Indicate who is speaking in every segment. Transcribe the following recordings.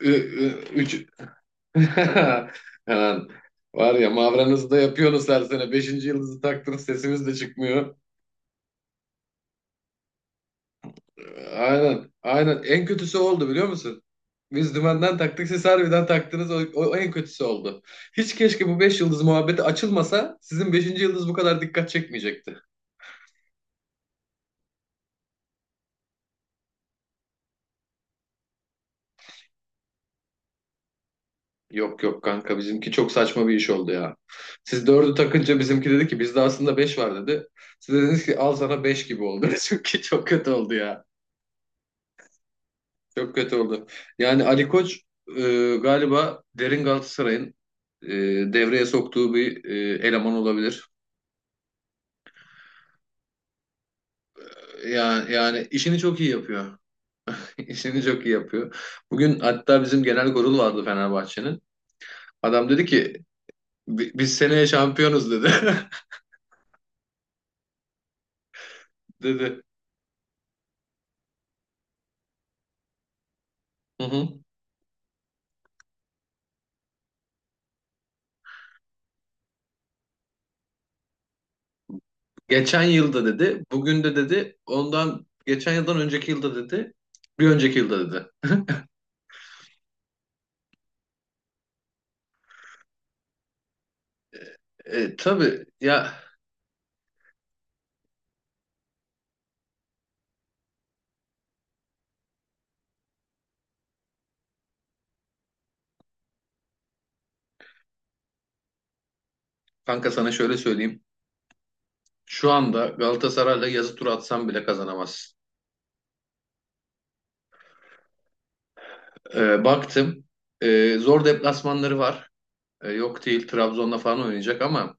Speaker 1: Üç. Hemen. Var ya, Mavranızı da yapıyorsunuz her sene. Beşinci yıldızı taktınız, sesimiz de çıkmıyor. Aynen. Aynen. En kötüsü oldu, biliyor musun? Biz dümenden taktık, siz harbiden taktınız. O en kötüsü oldu. Hiç, keşke bu beş yıldız muhabbeti açılmasa, sizin beşinci yıldız bu kadar dikkat çekmeyecekti. Yok, yok kanka, bizimki çok saçma bir iş oldu ya. Siz dördü takınca, bizimki dedi ki bizde aslında beş var dedi. Siz dediniz ki al sana, beş gibi oldu. Çünkü çok kötü oldu ya. Çok kötü oldu. Yani Ali Koç galiba derin Galatasaray'ın e, devreye soktuğu bir eleman olabilir. Yani işini çok iyi yapıyor. İşini çok iyi yapıyor. Bugün hatta bizim genel kurul vardı Fenerbahçe'nin. Adam dedi ki, "Biz seneye şampiyonuz," dedi. Dedi. Hı hı. Geçen yılda dedi. Bugün de dedi. Ondan geçen yıldan önceki yılda dedi. Bir önceki yılda dedi. Tabii ya kanka, sana şöyle söyleyeyim. Şu anda Galatasaray'la yazı turu atsam bile kazanamazsın. Baktım. Zor deplasmanları var. Yok değil, Trabzon'la falan oynayacak ama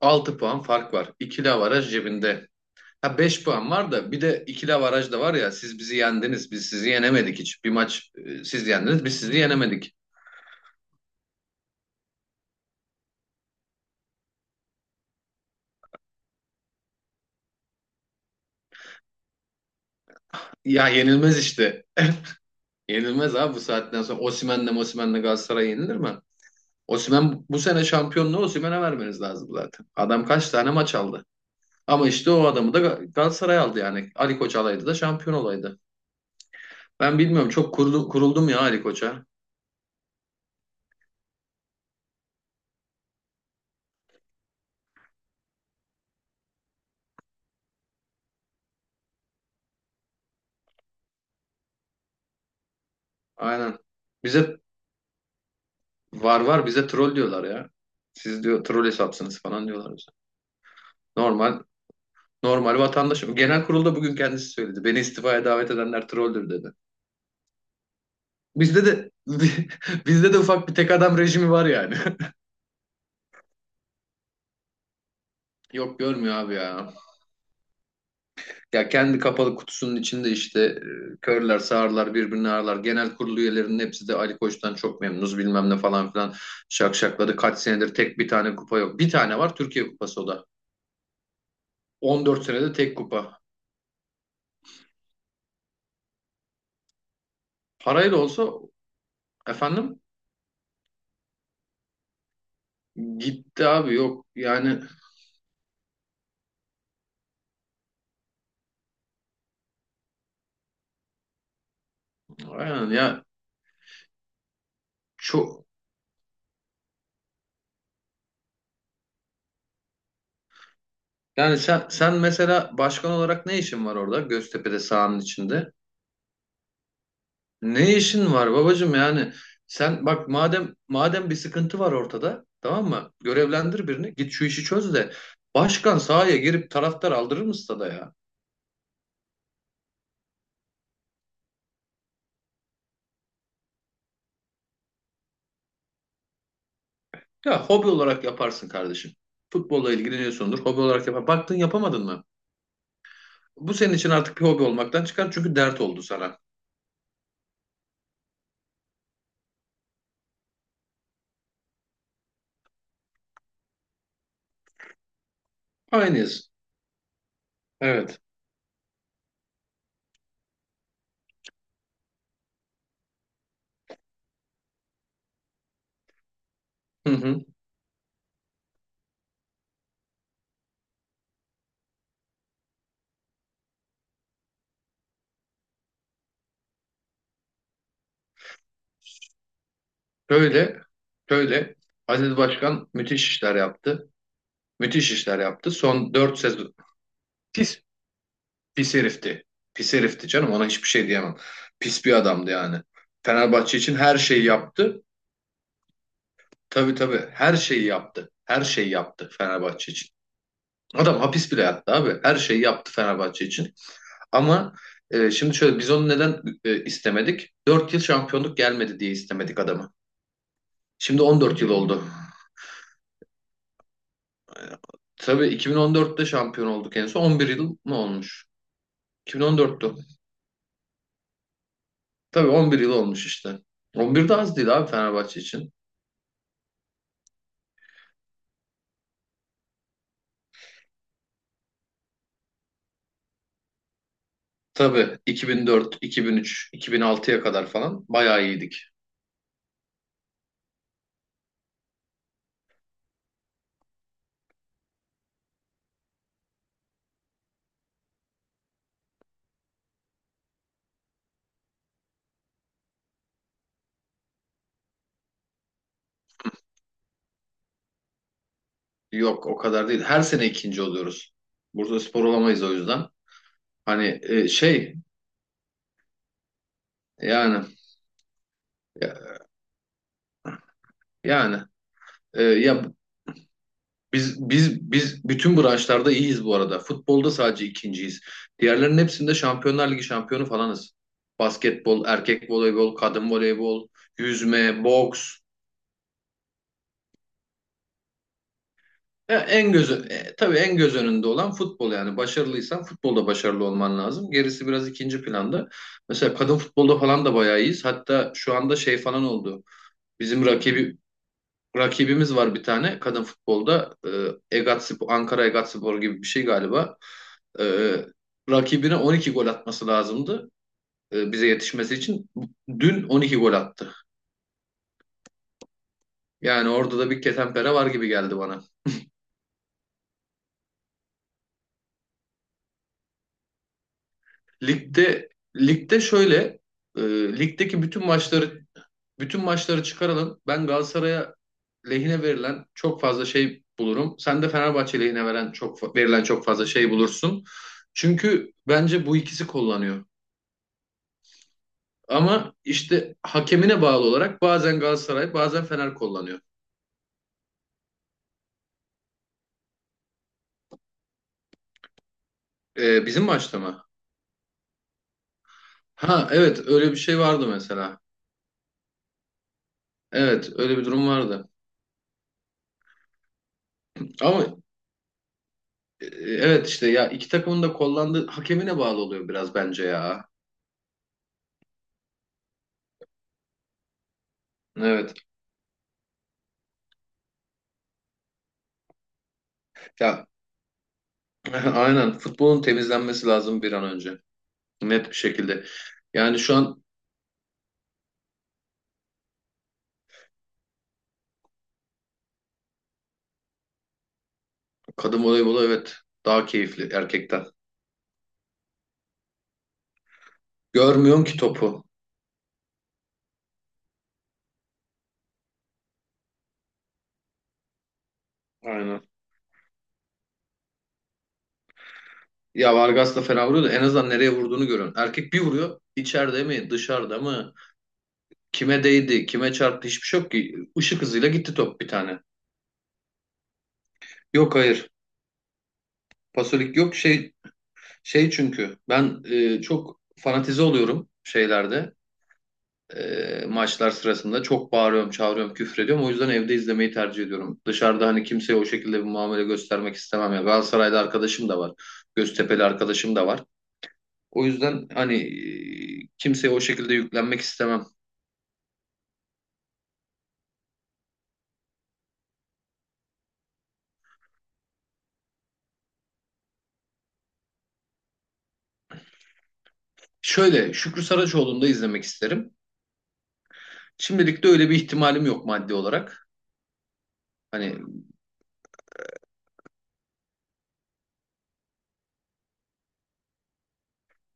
Speaker 1: 6 puan fark var. İkili avaraj cebinde. Ha, 5 puan var da bir de ikili avaraj da var ya, siz bizi yendiniz, biz sizi yenemedik hiç. Bir maç, siz yendiniz, biz sizi yenemedik. Ya yenilmez işte. Yenilmez abi, bu saatten sonra. Osimhen'le Mosimhen'le Galatasaray yenilir mi? Osimhen bu sene, şampiyonluğu Osimhen'e vermeniz lazım zaten. Adam kaç tane maç aldı? Ama işte o adamı da Galatasaray aldı yani. Ali Koç alaydı da şampiyon olaydı. Ben bilmiyorum, çok kuruldum ya Ali Koç'a. Aynen. Bize var var, bize troll diyorlar ya. Siz, diyor, troll hesapsınız falan diyorlar bize. Normal normal vatandaşım. Genel kurulda bugün kendisi söyledi. Beni istifaya davet edenler trolldür dedi. Bizde de bizde de ufak bir tek adam rejimi var yani. Yok, görmüyor abi ya. Ya kendi kapalı kutusunun içinde işte, körler, sağırlar, birbirini ağırlar. Genel kurulu üyelerinin hepsi de Ali Koç'tan çok memnunuz bilmem ne falan filan şakşakladı. Kaç senedir tek bir tane kupa yok. Bir tane var, Türkiye Kupası, o da. 14 senede tek kupa. Parayla olsa efendim, gitti abi, yok. Yani aynen ya, çok. Yani sen mesela başkan olarak ne işin var orada, Göztepe'de, sahanın içinde? Ne işin var babacığım? Yani sen bak, madem bir sıkıntı var ortada, tamam mı? Görevlendir birini, git şu işi çöz de, başkan sahaya girip taraftar aldırır mı stada ya? Ya hobi olarak yaparsın kardeşim. Futbolla ilgileniyorsundur, hobi olarak yapar. Baktın yapamadın mı? Bu senin için artık bir hobi olmaktan çıkar, çünkü dert oldu sana. Aynıyız. Evet. Hı hı. Böyle böyle Aziz Başkan müthiş işler yaptı. Müthiş işler yaptı. Son 4 sezon. Pis Pis herifti. Pis herifti canım, ona hiçbir şey diyemem. Pis bir adamdı yani. Fenerbahçe için her şeyi yaptı. Tabii, tabii, her şeyi yaptı. Her şeyi yaptı Fenerbahçe için. Adam hapis bile yattı abi. Her şeyi yaptı Fenerbahçe için. Ama şimdi şöyle, biz onu neden istemedik? 4 yıl şampiyonluk gelmedi diye istemedik adamı. Şimdi 14 yıl oldu. Tabii 2014'te şampiyon olduk en son. 11 yıl mı olmuş? 2014'tü. Tabii 11 yıl olmuş işte. 11 de az değil abi Fenerbahçe için. Tabii 2004, 2003, 2006'ya kadar falan bayağı iyiydik. Yok, o kadar değil. Her sene ikinci oluyoruz. Bursaspor olamayız o yüzden. Hani, şey, yani, ya- yani, ya, biz bütün branşlarda iyiyiz bu arada. Futbolda sadece ikinciyiz. Diğerlerinin hepsinde Şampiyonlar Ligi şampiyonu falanız. Basketbol, erkek voleybol, kadın voleybol, yüzme, boks. Ya tabii en göz önünde olan futbol. Yani başarılıysan futbolda başarılı olman lazım. Gerisi biraz ikinci planda. Mesela kadın futbolda falan da bayağı iyiyiz. Hatta şu anda şey falan oldu. Bizim rakibimiz var bir tane kadın futbolda. Egatspor, Ankara Egatspor gibi bir şey galiba. E, Rakibine 12 gol atması lazımdı, bize yetişmesi için. Dün 12 gol attı. Yani orada da bir ketenpere var gibi geldi bana. Ligde ligde şöyle, e, ligdeki bütün maçları, bütün maçları çıkaralım. Ben Galatasaray'a lehine verilen çok fazla şey bulurum. Sen de Fenerbahçe lehine verilen çok fazla şey bulursun. Çünkü bence bu ikisi kullanıyor. Ama işte hakemine bağlı olarak bazen Galatasaray, bazen Fener kullanıyor. Bizim maçta mı? Ha evet, öyle bir şey vardı mesela. Evet, öyle bir durum vardı. Ama evet, işte ya, iki takımın da kullandığı hakemine bağlı oluyor biraz bence ya. Evet. Ya aynen, futbolun temizlenmesi lazım bir an önce. Net bir şekilde. Yani şu an kadın voleybolu, evet, daha keyifli erkekten. Görmüyorsun ki topu. Aynen. Ya Vargas da fena vuruyor da, en azından nereye vurduğunu görüyorsun. Erkek bir vuruyor. İçeride mi, dışarıda mı? Kime değdi, kime çarptı, hiçbir şey yok ki. Işık hızıyla gitti top bir tane. Yok, hayır. Pasolik yok, şey, çünkü ben çok fanatize oluyorum şeylerde. Maçlar sırasında çok bağırıyorum, çağırıyorum, küfrediyorum. O yüzden evde izlemeyi tercih ediyorum. Dışarıda hani kimseye o şekilde bir muamele göstermek istemem ya. Galatasaray'da arkadaşım da var. Göztepe'li arkadaşım da var. O yüzden hani, kimseye o şekilde yüklenmek istemem. Şöyle, Şükrü Saraçoğlu'nu da izlemek isterim. Şimdilik de öyle bir ihtimalim yok maddi olarak. Hani,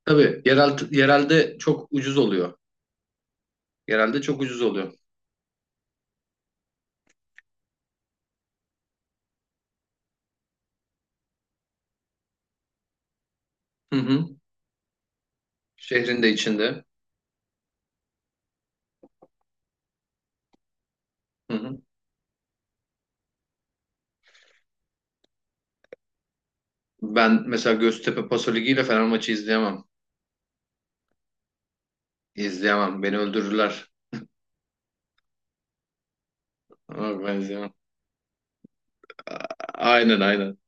Speaker 1: tabii, yerelde çok ucuz oluyor. Yerelde çok ucuz oluyor. Hı hı. Şehrin de içinde. Hı hı. Ben mesela Göztepe Paso Ligi ile Fener maçı izleyemem. İzleyemem. Beni öldürürler. Ama ben izleyemem. Aynen, aynen.